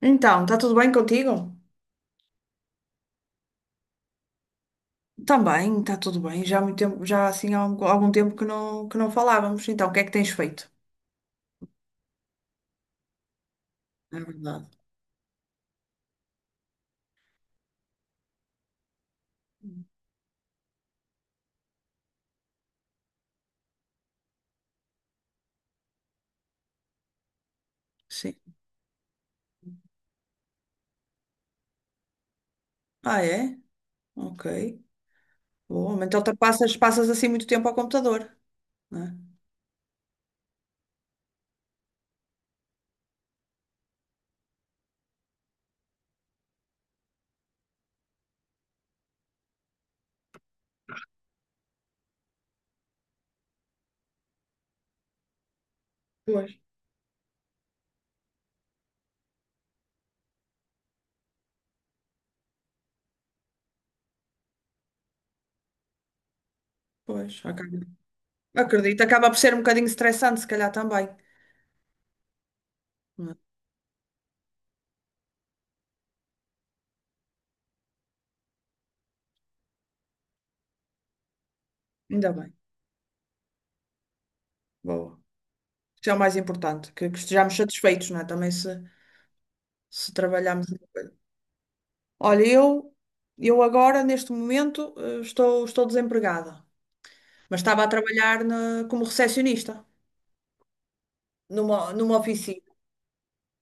Então, está tudo bem contigo? Também, está tudo bem. Já há muito tempo, já assim há algum tempo que não falávamos. Então, o que é que tens feito? É verdade. Sim. Ah, é? Ok. Bom, então tu passas assim muito tempo ao computador, não é? Pois. Pois, acaba. Acredito, acaba por ser um bocadinho estressante, se calhar também. Não é? Ainda bem. Boa. Isso é o mais importante, que estejamos satisfeitos, não é? Também se trabalharmos. Olha, eu agora, neste momento, estou desempregada, mas estava a trabalhar como recepcionista numa oficina.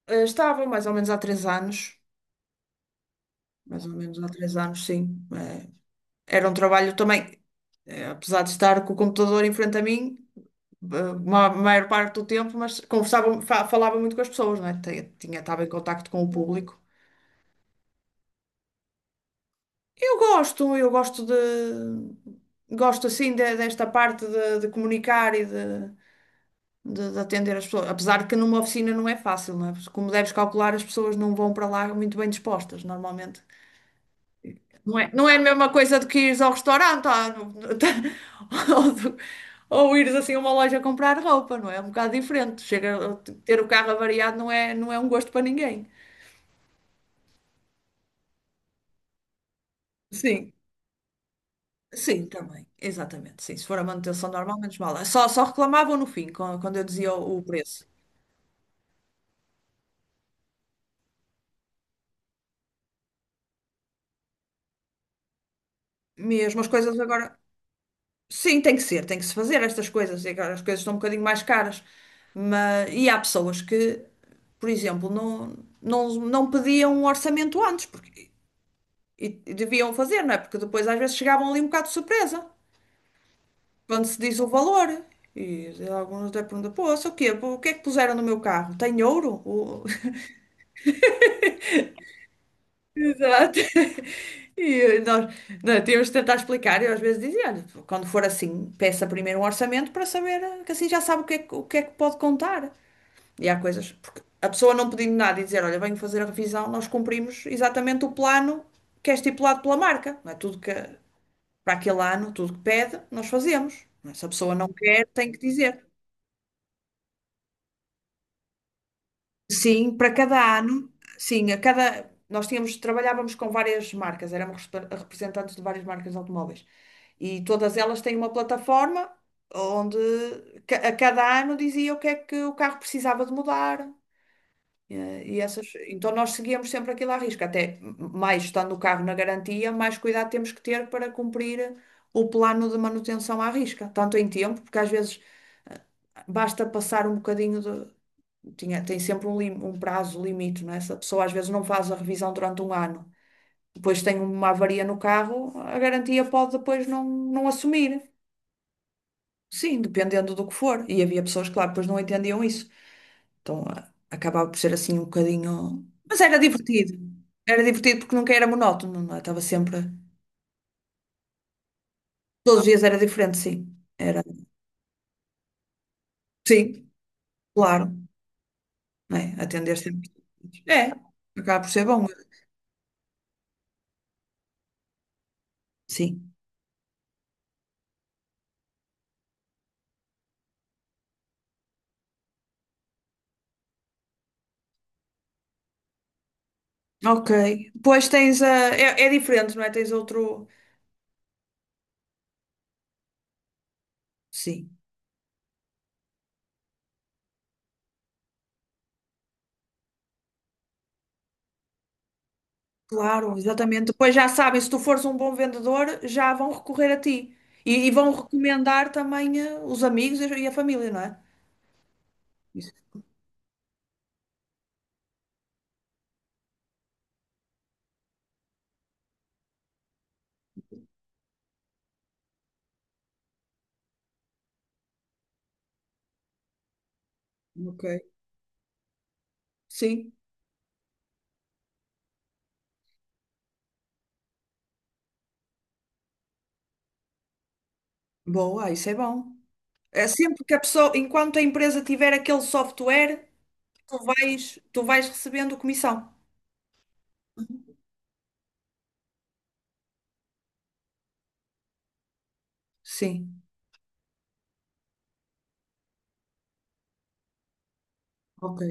Estava mais ou menos há três anos, mais ou menos há três anos, sim. Era um trabalho também, apesar de estar com o computador em frente a mim, a maior parte do tempo, mas conversava, falava muito com as pessoas, não é? Estava em contacto com o público. Eu gosto de. Gosto assim desta parte de comunicar de atender as pessoas. Apesar de que numa oficina não é fácil, não é? Porque, como deves calcular, as pessoas não vão para lá muito bem dispostas, normalmente. Não é, não é a mesma coisa do que ires ao restaurante, ou, ou ires assim a uma loja comprar roupa, não é? É um bocado diferente. Chega, a ter o carro avariado não é, não é um gosto para ninguém. Sim, sim, também. Exatamente, sim. Se for a manutenção normal, menos mal. Só reclamavam no fim, quando eu dizia o preço. Mesmo as coisas agora. Sim, tem que ser, tem que se fazer estas coisas. E agora as coisas estão um bocadinho mais caras. Mas, e há pessoas que, por exemplo, não pediam um orçamento antes, porque e deviam fazer, não é? Porque depois às vezes chegavam ali um bocado de surpresa, quando se diz o valor. E alguns até perguntam, pô, isso o quê? Pô, o que é que puseram no meu carro? Tem ouro? Exato. E nós, nós temos de tentar explicar. Eu às vezes dizia, olha, quando for assim, peça primeiro um orçamento para saber, que assim já sabe o que é que, o que é que pode contar. E há coisas, porque a pessoa não pedindo nada e dizer, olha, venho fazer a revisão, nós cumprimos exatamente o plano que é estipulado pela marca. Não é tudo que, para aquele ano, tudo que pede, nós fazemos. Não é? Se a pessoa não quer, tem que dizer. Sim, para cada ano, sim, a cada nós tínhamos trabalhávamos com várias marcas, éramos representantes de várias marcas de automóveis, e todas elas têm uma plataforma onde a cada ano dizia o que é que o carro precisava de mudar, então nós seguíamos sempre aquilo à risca, até mais estando o carro na garantia, mais cuidado temos que ter para cumprir o plano de manutenção à risca, tanto em tempo, porque às vezes basta passar um bocadinho, tem sempre um, um prazo limite, não é? Se a pessoa às vezes não faz a revisão durante um ano, depois tem uma avaria no carro, a garantia pode depois não assumir. Sim, dependendo do que for. E havia pessoas, claro, depois não entendiam isso. Então acabava por ser assim um bocadinho. Mas era divertido. Era divertido porque nunca era monótono, não é? Estava sempre. Todos os dias era diferente, sim. Era. Sim, claro. Não é, atender sempre. É, acaba por ser bom, sim. Ok. Pois tens a. É, é diferente, não é? Tens outro. Sim, claro, exatamente. Depois já sabem, se tu fores um bom vendedor, já vão recorrer a ti. E vão recomendar também os amigos e a família, não é? Isso. Ok. Sim. Boa, isso é bom. É sempre que a pessoa, enquanto a empresa tiver aquele software, tu vais recebendo comissão. Sim, ok.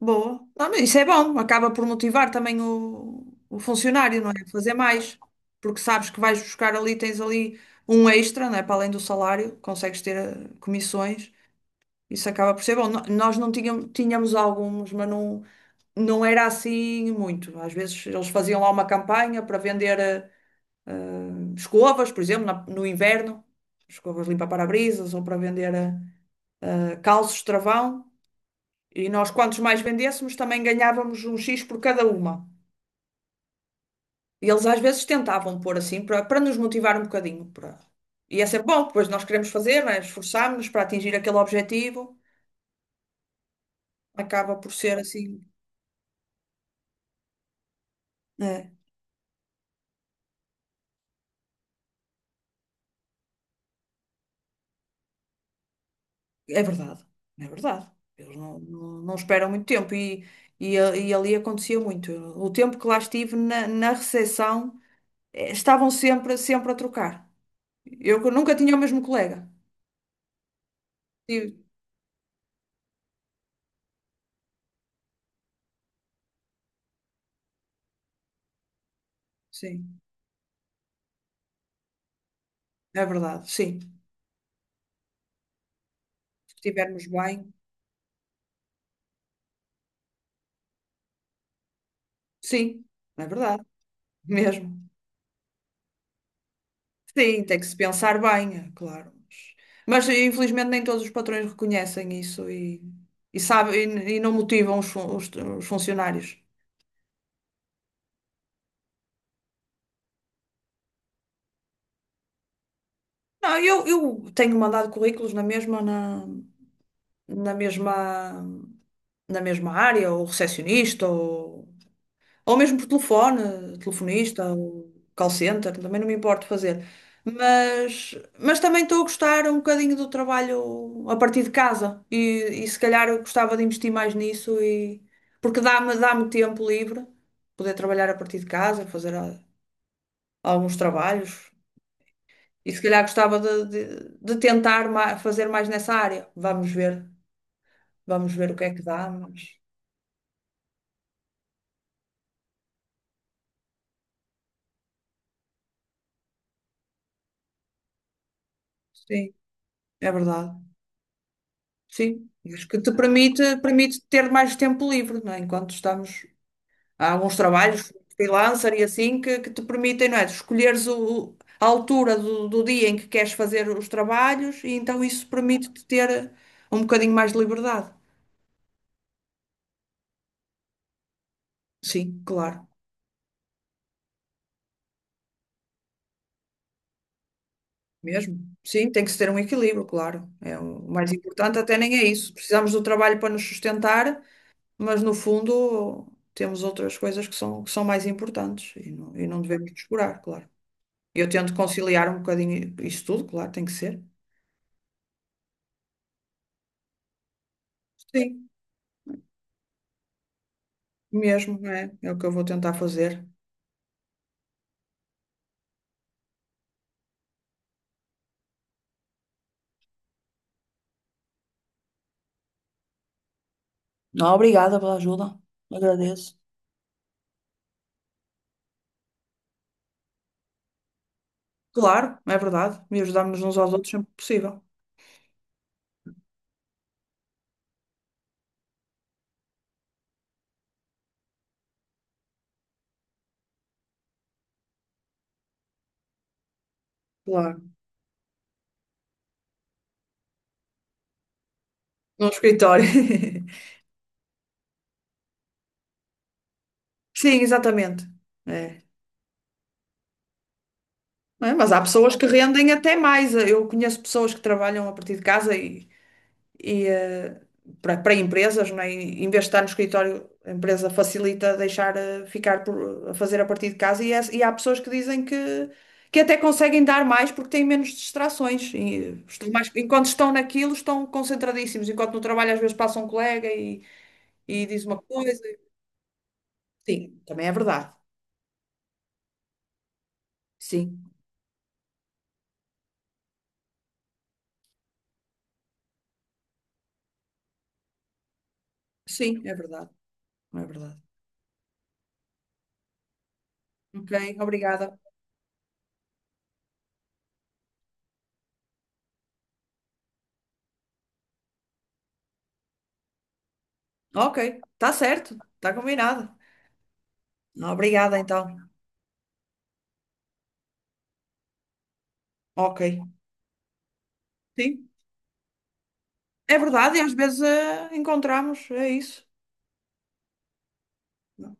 Boa. Não, mas isso é bom, acaba por motivar também o funcionário, não é? A fazer mais, porque sabes que vais buscar ali, tens ali um extra, não é? Para além do salário, consegues ter comissões, isso acaba por ser bom. Nós não tínhamos, tínhamos alguns, mas não, não era assim muito. Às vezes eles faziam lá uma campanha para vender eh, escovas, por exemplo, no inverno, escovas limpa-parabrisas, ou para vender calços travão. E nós, quantos mais vendêssemos, também ganhávamos um X por cada uma. E eles às vezes tentavam pôr assim, para nos motivar um bocadinho. Para... E é sempre bom, pois nós queremos fazer, né? Esforçámos-nos para atingir aquele objetivo. Acaba por ser assim. É, é verdade, é verdade. Eles não esperam muito tempo. E, e ali acontecia muito. O tempo que lá estive na recepção, estavam sempre, sempre a trocar. Eu nunca tinha o mesmo colega. E- Sim, é verdade, sim. Se estivermos bem. Sim, é verdade, mesmo. Sim, tem que se pensar bem, é claro. Mas infelizmente nem todos os patrões reconhecem isso e sabem e não motivam os, os funcionários. Não, eu tenho mandado currículos na mesma, na mesma, na mesma área, ou recepcionista, ou mesmo por telefone, telefonista, ou call center, também não me importo fazer. Mas também estou a gostar um bocadinho do trabalho a partir de casa, e se calhar eu gostava de investir mais nisso, e porque dá-me tempo livre poder trabalhar a partir de casa, fazer alguns trabalhos, e se calhar gostava de tentar fazer mais nessa área. Vamos ver o que é que dá, mas sim, é verdade. Sim, e acho que te permite, permite ter mais tempo livre, não é? Enquanto estamos. Há alguns trabalhos freelancer e assim que te permitem, não é? Escolheres a altura do dia em que queres fazer os trabalhos, e então isso permite-te ter um bocadinho mais de liberdade. Sim, claro, mesmo. Sim, tem que se ter um equilíbrio, claro. É o mais importante até nem é isso. Precisamos do trabalho para nos sustentar, mas no fundo temos outras coisas que são mais importantes e não devemos descurar, claro. Eu tento conciliar um bocadinho isso tudo, claro, tem que ser. Sim, mesmo, é, é o que eu vou tentar fazer. Não, obrigada pela ajuda. Agradeço. Claro, é verdade. E ajudarmos uns aos outros sempre que possível. Claro. Num escritório. Sim, exatamente. É. É, mas há pessoas que rendem até mais. Eu conheço pessoas que trabalham a partir de casa, e e eh, para empresas, não é? E em vez de estar no escritório, a empresa facilita deixar ficar a fazer a partir de casa, e e há pessoas que dizem que até conseguem dar mais porque têm menos distrações. E estão mais, enquanto estão naquilo, estão concentradíssimos, enquanto no trabalho às vezes passa um colega e diz uma coisa. Sim, também é verdade. Sim, sim, é verdade. É verdade. Ok, obrigada. Ok, está certo, está combinado. Obrigada então. Ok. Sim. É verdade, e às vezes encontramos, é isso. Não,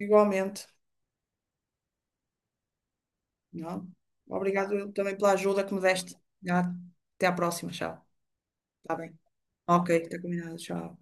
igualmente. Não. Obrigado eu também pela ajuda que me deste. Já. Até à próxima, tchau. Está bem. Ok, está combinado, tchau.